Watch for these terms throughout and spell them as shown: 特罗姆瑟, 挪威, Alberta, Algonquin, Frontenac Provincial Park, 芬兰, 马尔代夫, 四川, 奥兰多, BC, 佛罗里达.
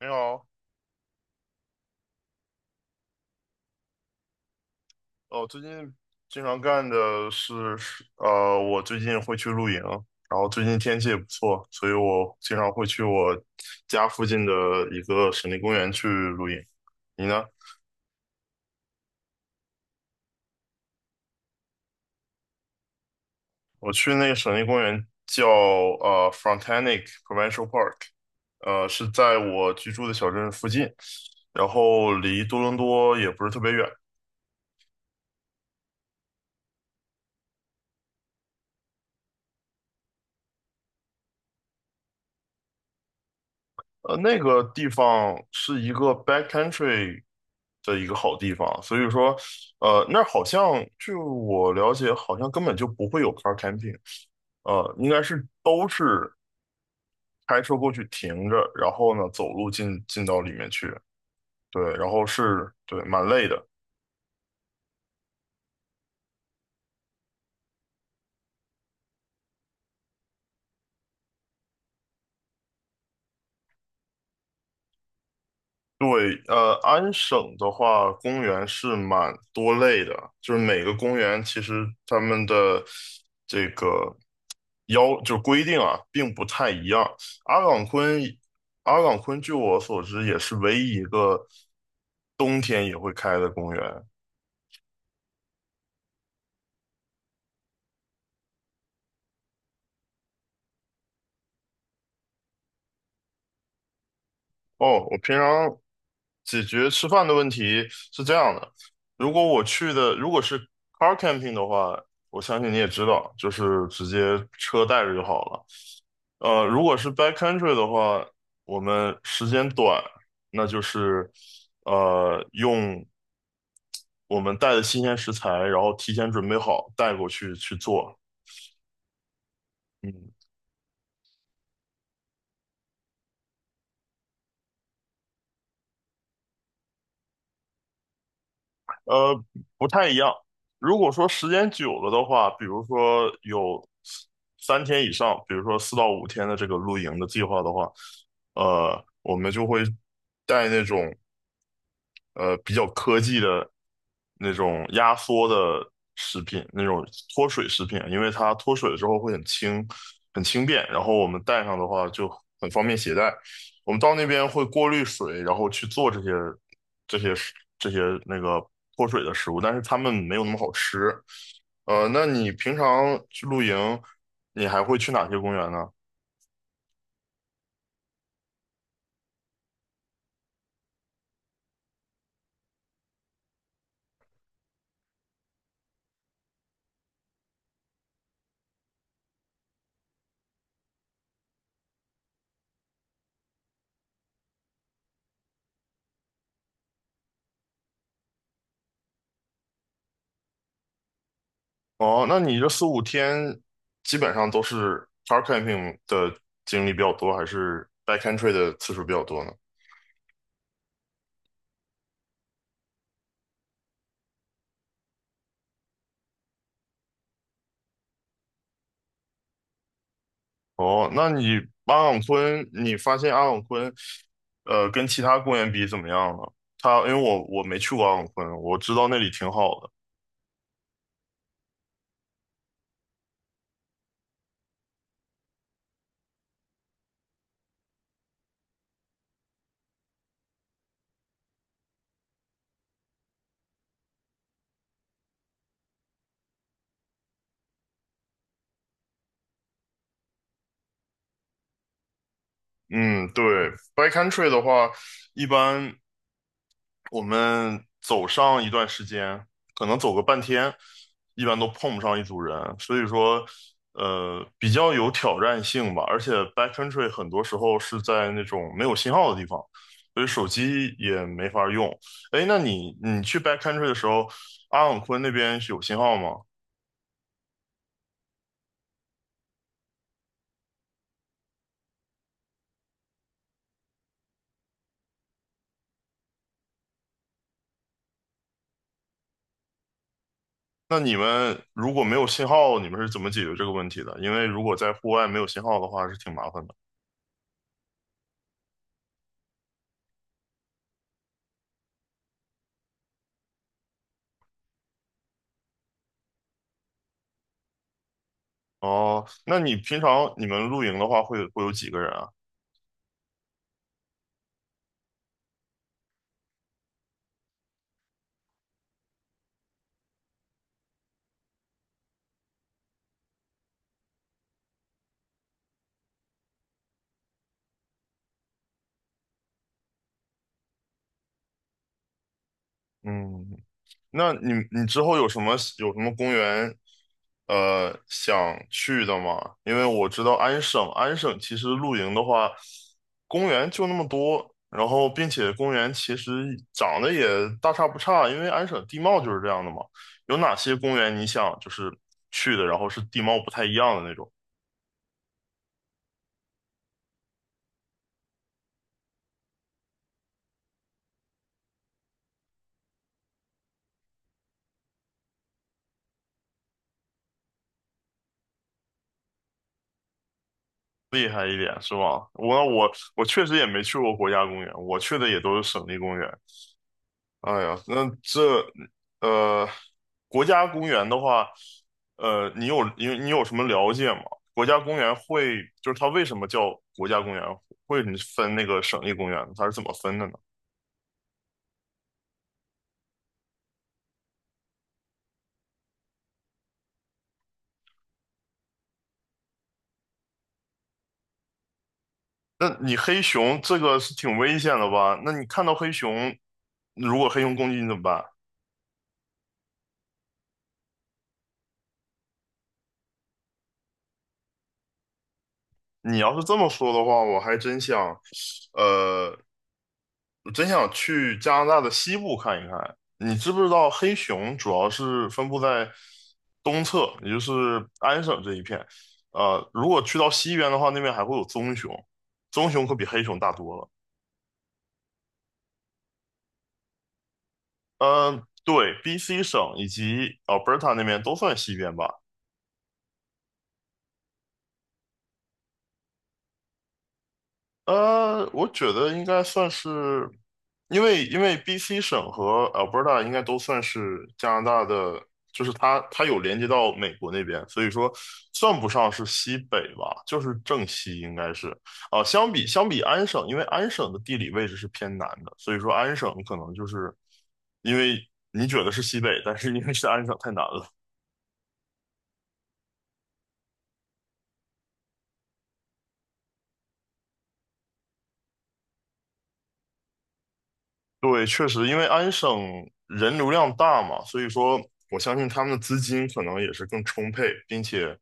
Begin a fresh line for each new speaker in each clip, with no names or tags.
你好。哦，最近经常干的是，我最近会去露营，然后最近天气也不错，所以我经常会去我家附近的一个省立公园去露营。你呢？我去那个省立公园叫Frontenac Provincial Park，是在我居住的小镇附近，然后离多伦多也不是特别远。那个地方是一个 backcountry 的一个好地方，所以说，那儿好像据我了解，好像根本就不会有 car camping。应该是都是开车过去停着，然后呢，走路进到里面去。对，然后是，对，蛮累的，对。安省的话，公园是蛮多类的，就是每个公园其实他们的这个要就规定啊，并不太一样。阿岗昆，阿岗昆据我所知也是唯一一个冬天也会开的公园。哦，我平常解决吃饭的问题是这样的。如果是 car camping 的话，我相信你也知道，就是直接车带着就好了。如果是 backcountry 的话，我们时间短，那就是用我们带的新鲜食材，然后提前准备好带过去去做。嗯。呃，不太一样。如果说时间久了的话，比如说有3天以上，比如说4到5天的这个露营的计划的话，我们就会带那种。比较科技的那种压缩的食品，那种脱水食品啊，因为它脱水了之后会很轻、很轻便，然后我们带上的话就很方便携带。我们到那边会过滤水，然后去做这些食这些那个脱水的食物，但是它们没有那么好吃。那你平常去露营，你还会去哪些公园呢？哦，那你这四五天基本上都是 car camping 的经历比较多，还是 backcountry 的次数比较多呢？哦，那你阿朗昆，你发现阿朗昆，跟其他公园比怎么样呢？因为我没去过阿朗昆，我知道那里挺好的。嗯，对，backcountry 的话，一般我们走上一段时间，可能走个半天，一般都碰不上一组人，所以说，比较有挑战性吧。而且 backcountry 很多时候是在那种没有信号的地方，所以手机也没法用。哎，那你去 backcountry 的时候，阿朗昆那边是有信号吗？那你们如果没有信号，你们是怎么解决这个问题的？因为如果在户外没有信号的话，是挺麻烦的。哦，那你平常你们露营的话，会有几个人啊？嗯。那你之后有什么公园想去的吗？因为我知道安省其实露营的话，公园就那么多，然后并且公园其实长得也大差不差，因为安省地貌就是这样的嘛。有哪些公园你想就是去的，然后是地貌不太一样的那种。厉害一点是吧？我我确实也没去过国家公园，我去的也都是省立公园。哎呀，呃，国家公园的话，你有什么了解吗？国家公园会就是它为什么叫国家公园？会什么分那个省立公园？它是怎么分的呢？那你黑熊这个是挺危险的吧？那你看到黑熊，如果黑熊攻击你怎么办？你要是这么说的话，呃，我真想去加拿大的西部看一看。你知不知道黑熊主要是分布在东侧，也就是安省这一片。如果去到西边的话，那边还会有棕熊，棕熊可比黑熊大多了。嗯，对，BC 省以及 Alberta 那边都算西边吧。我觉得应该算是，因为 BC 省和 Alberta 应该都算是加拿大的，就是它有连接到美国那边，所以说算不上是西北吧，就是正西应该是。啊，相比安省，因为安省的地理位置是偏南的，所以说安省可能就是因为你觉得是西北，但是因为是安省太南了。对，确实，因为安省人流量大嘛，所以说我相信他们的资金可能也是更充沛，并且，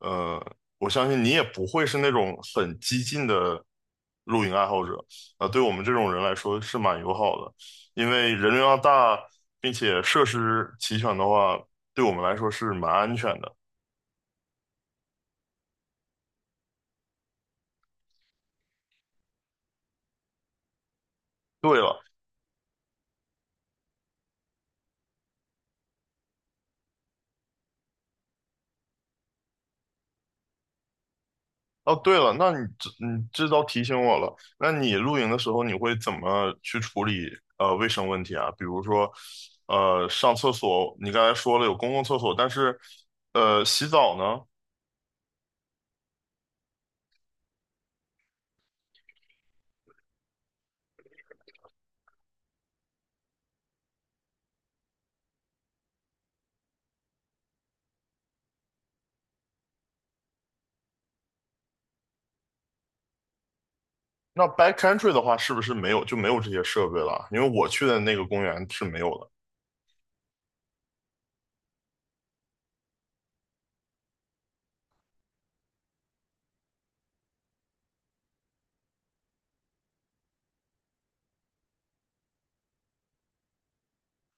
呃，我相信你也不会是那种很激进的露营爱好者。啊，对我们这种人来说是蛮友好的，因为人流量大，并且设施齐全的话，对我们来说是蛮安全的。对了，哦，对了，那你这倒提醒我了。那你露营的时候，你会怎么去处理卫生问题啊？比如说，上厕所，你刚才说了有公共厕所，但是洗澡呢？那 backcountry 的话，是不是没有就没有这些设备了？因为我去的那个公园是没有的。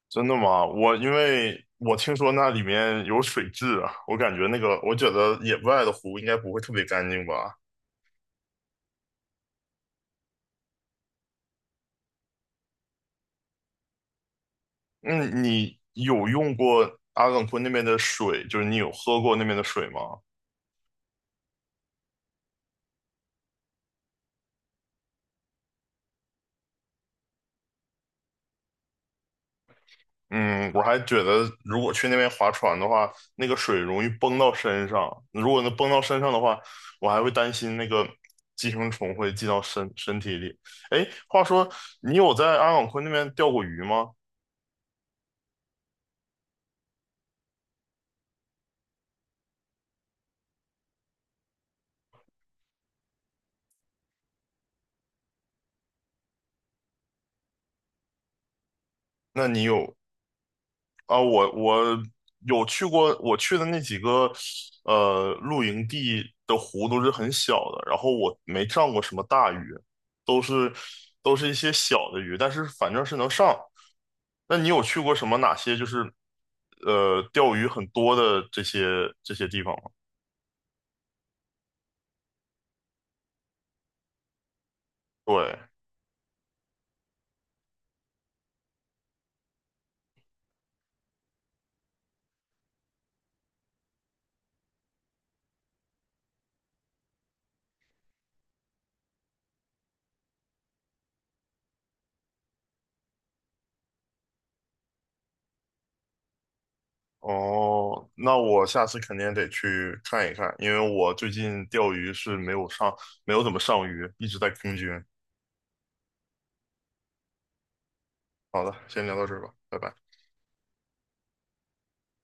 真的吗？因为我听说那里面有水质啊，我感觉那个我觉得野外的湖应该不会特别干净吧？嗯，你有用过阿勒冈昆那边的水，就是你有喝过那边的水吗？嗯，我还觉得如果去那边划船的话，那个水容易崩到身上。如果能崩到身上的话，我还会担心那个寄生虫会进到身体里。哎，话说你有在阿勒冈昆那边钓过鱼吗？那你有啊，我有去过，我去的那几个露营地的湖都是很小的，然后我没上过什么大鱼，都是都是一些小的鱼，但是反正是能上。那你有去过哪些就是钓鱼很多的这些地方吗？对，哦，那我下次肯定得去看一看，因为我最近钓鱼是没有怎么上鱼，一直在空军。好的，先聊到这儿吧，拜拜。